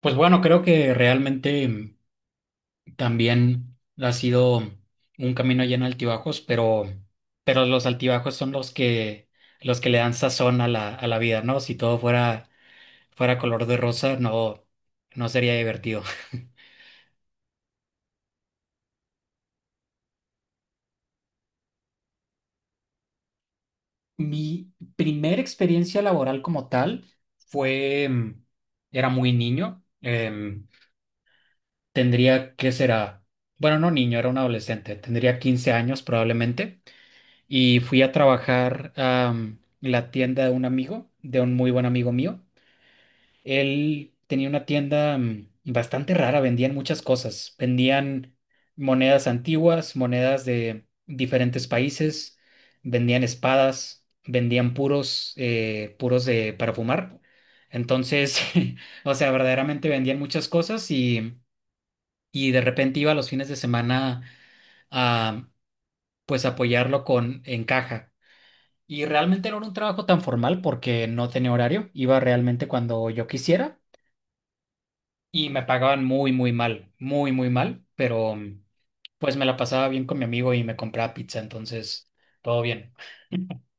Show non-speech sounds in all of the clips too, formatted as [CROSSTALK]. Pues bueno, creo que realmente también ha sido un camino lleno de altibajos, pero los altibajos son los que le dan sazón a la vida, ¿no? Si todo fuera color de rosa, no sería divertido. [LAUGHS] Mi primera experiencia laboral como tal fue, mm, era muy niño, tendría que será, bueno, no niño, era un adolescente, tendría 15 años probablemente. Y fui a trabajar a la tienda de un amigo, de un muy buen amigo mío. Él tenía una tienda bastante rara, vendían muchas cosas, vendían monedas antiguas, monedas de diferentes países, vendían espadas, vendían puros, puros de para fumar. Entonces, [LAUGHS] o sea, verdaderamente vendían muchas cosas y de repente iba los fines de semana a pues apoyarlo con en caja. Y realmente no era un trabajo tan formal porque no tenía horario, iba realmente cuando yo quisiera y me pagaban muy, muy mal, pero pues me la pasaba bien con mi amigo y me compraba pizza, entonces todo bien. [LAUGHS]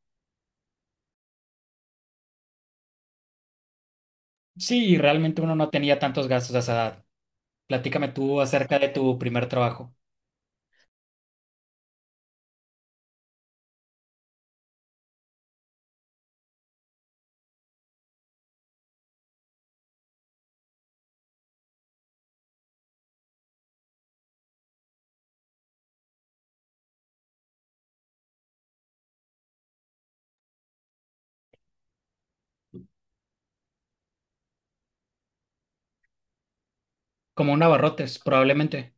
Sí, realmente uno no tenía tantos gastos a esa edad. Platícame tú acerca de tu primer trabajo, como un abarrotes, probablemente.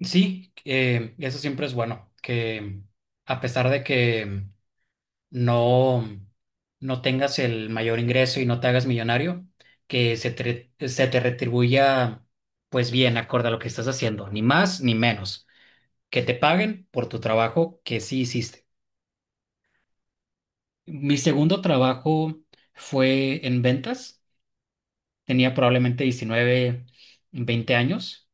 Sí, eso siempre es bueno, que a pesar de que no, no tengas el mayor ingreso y no te hagas millonario, que se te retribuya pues bien, acorde a lo que estás haciendo, ni más ni menos, que te paguen por tu trabajo que sí hiciste. Mi segundo trabajo fue en ventas, tenía probablemente 19 20 años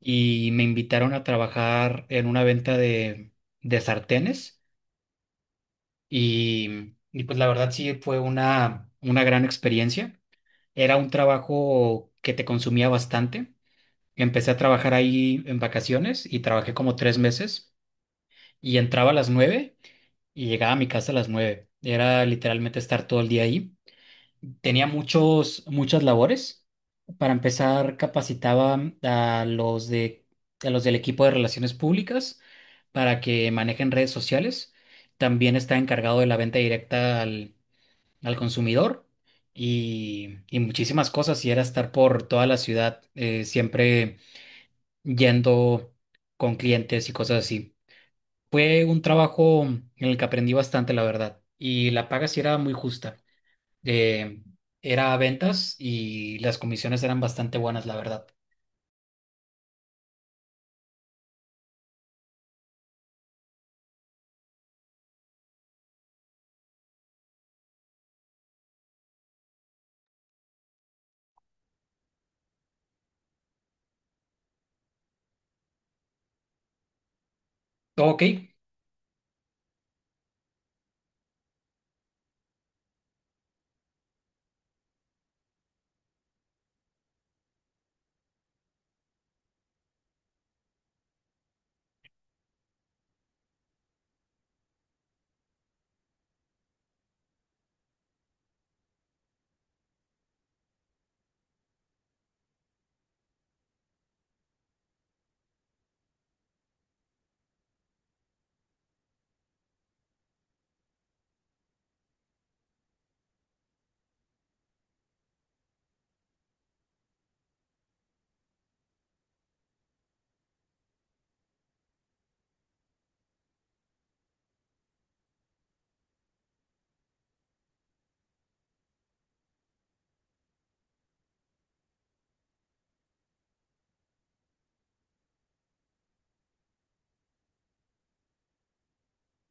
y me invitaron a trabajar en una venta de sartenes y pues la verdad sí fue una gran experiencia. Era un trabajo que te consumía bastante. Empecé a trabajar ahí en vacaciones y trabajé como 3 meses y entraba a las 9 y llegaba a mi casa a las 9. Era literalmente estar todo el día ahí. Tenía muchos, muchas labores. Para empezar, capacitaba a los de, a los del equipo de relaciones públicas para que manejen redes sociales. También estaba encargado de la venta directa al consumidor y muchísimas cosas. Y era estar por toda la ciudad, siempre yendo con clientes y cosas así. Fue un trabajo en el que aprendí bastante, la verdad. Y la paga sí era muy justa. Eh, era ventas y las comisiones eran bastante buenas, la verdad. Ok.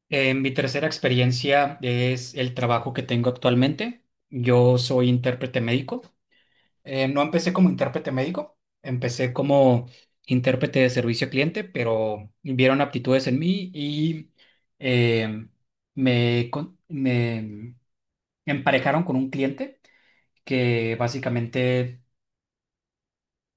Mi tercera experiencia es el trabajo que tengo actualmente. Yo soy intérprete médico. No empecé como intérprete médico, empecé como intérprete de servicio al cliente, pero vieron aptitudes en mí y eh, me emparejaron con un cliente que básicamente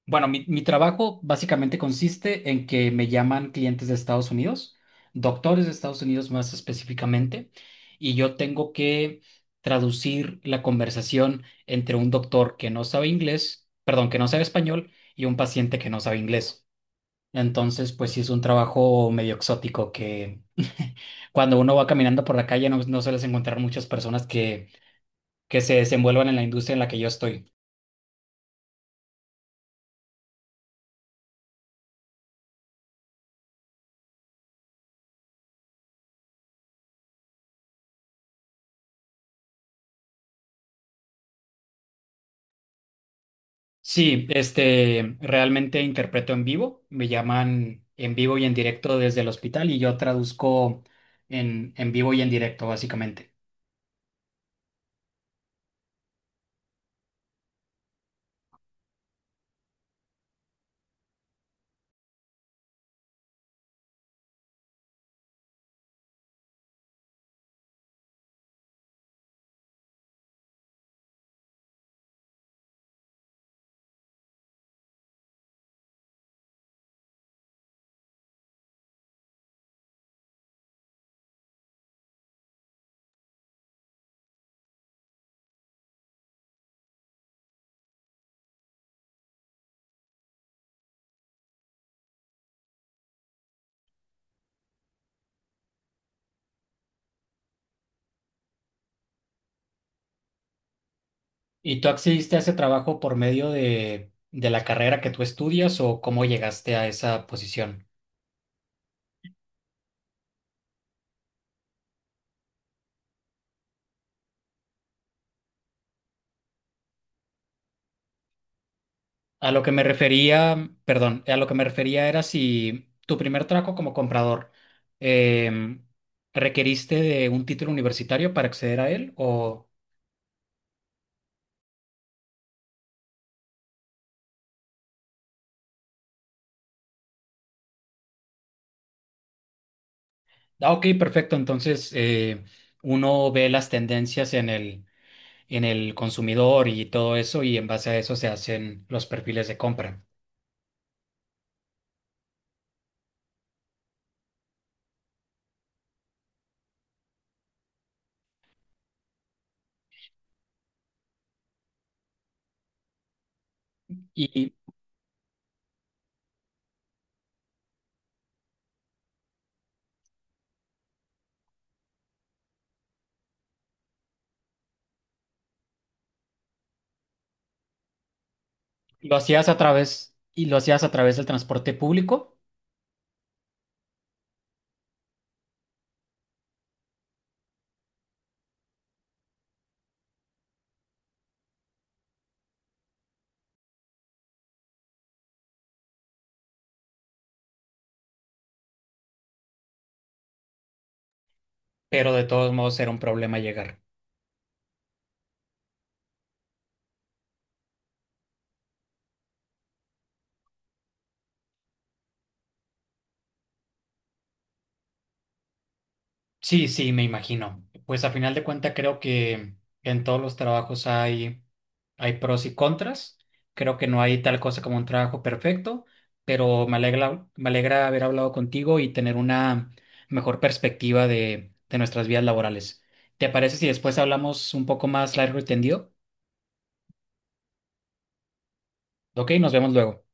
bueno, mi trabajo básicamente consiste en que me llaman clientes de Estados Unidos, doctores de Estados Unidos más específicamente, y yo tengo que traducir la conversación entre un doctor que no sabe inglés, perdón, que no sabe español, y un paciente que no sabe inglés. Entonces, pues sí es un trabajo medio exótico que [LAUGHS] cuando uno va caminando por la calle no, sueles encontrar muchas personas que se desenvuelvan en la industria en la que yo estoy. Sí, este, realmente interpreto en vivo, me llaman en vivo y en directo desde el hospital y yo traduzco en vivo y en directo, básicamente. ¿Y tú accediste a ese trabajo por medio de la carrera que tú estudias o cómo llegaste a esa posición? A lo que me refería, perdón, a lo que me refería era si tu primer trabajo como comprador em, requeriste de un título universitario para acceder a él... o... Ah, ok, perfecto. Entonces, uno ve las tendencias en el consumidor y todo eso, y en base a eso se hacen los perfiles de compra. Y lo hacías a través, y lo hacías a través del transporte público, pero de todos modos era un problema llegar. Sí, sí, me imagino. Pues a final de cuentas creo que en todos los trabajos hay pros y contras. Creo que no hay tal cosa como un trabajo perfecto, pero me alegra haber hablado contigo y tener una mejor perspectiva de nuestras vidas laborales. ¿Te parece si después hablamos un poco más largo y tendido? Ok, nos vemos luego.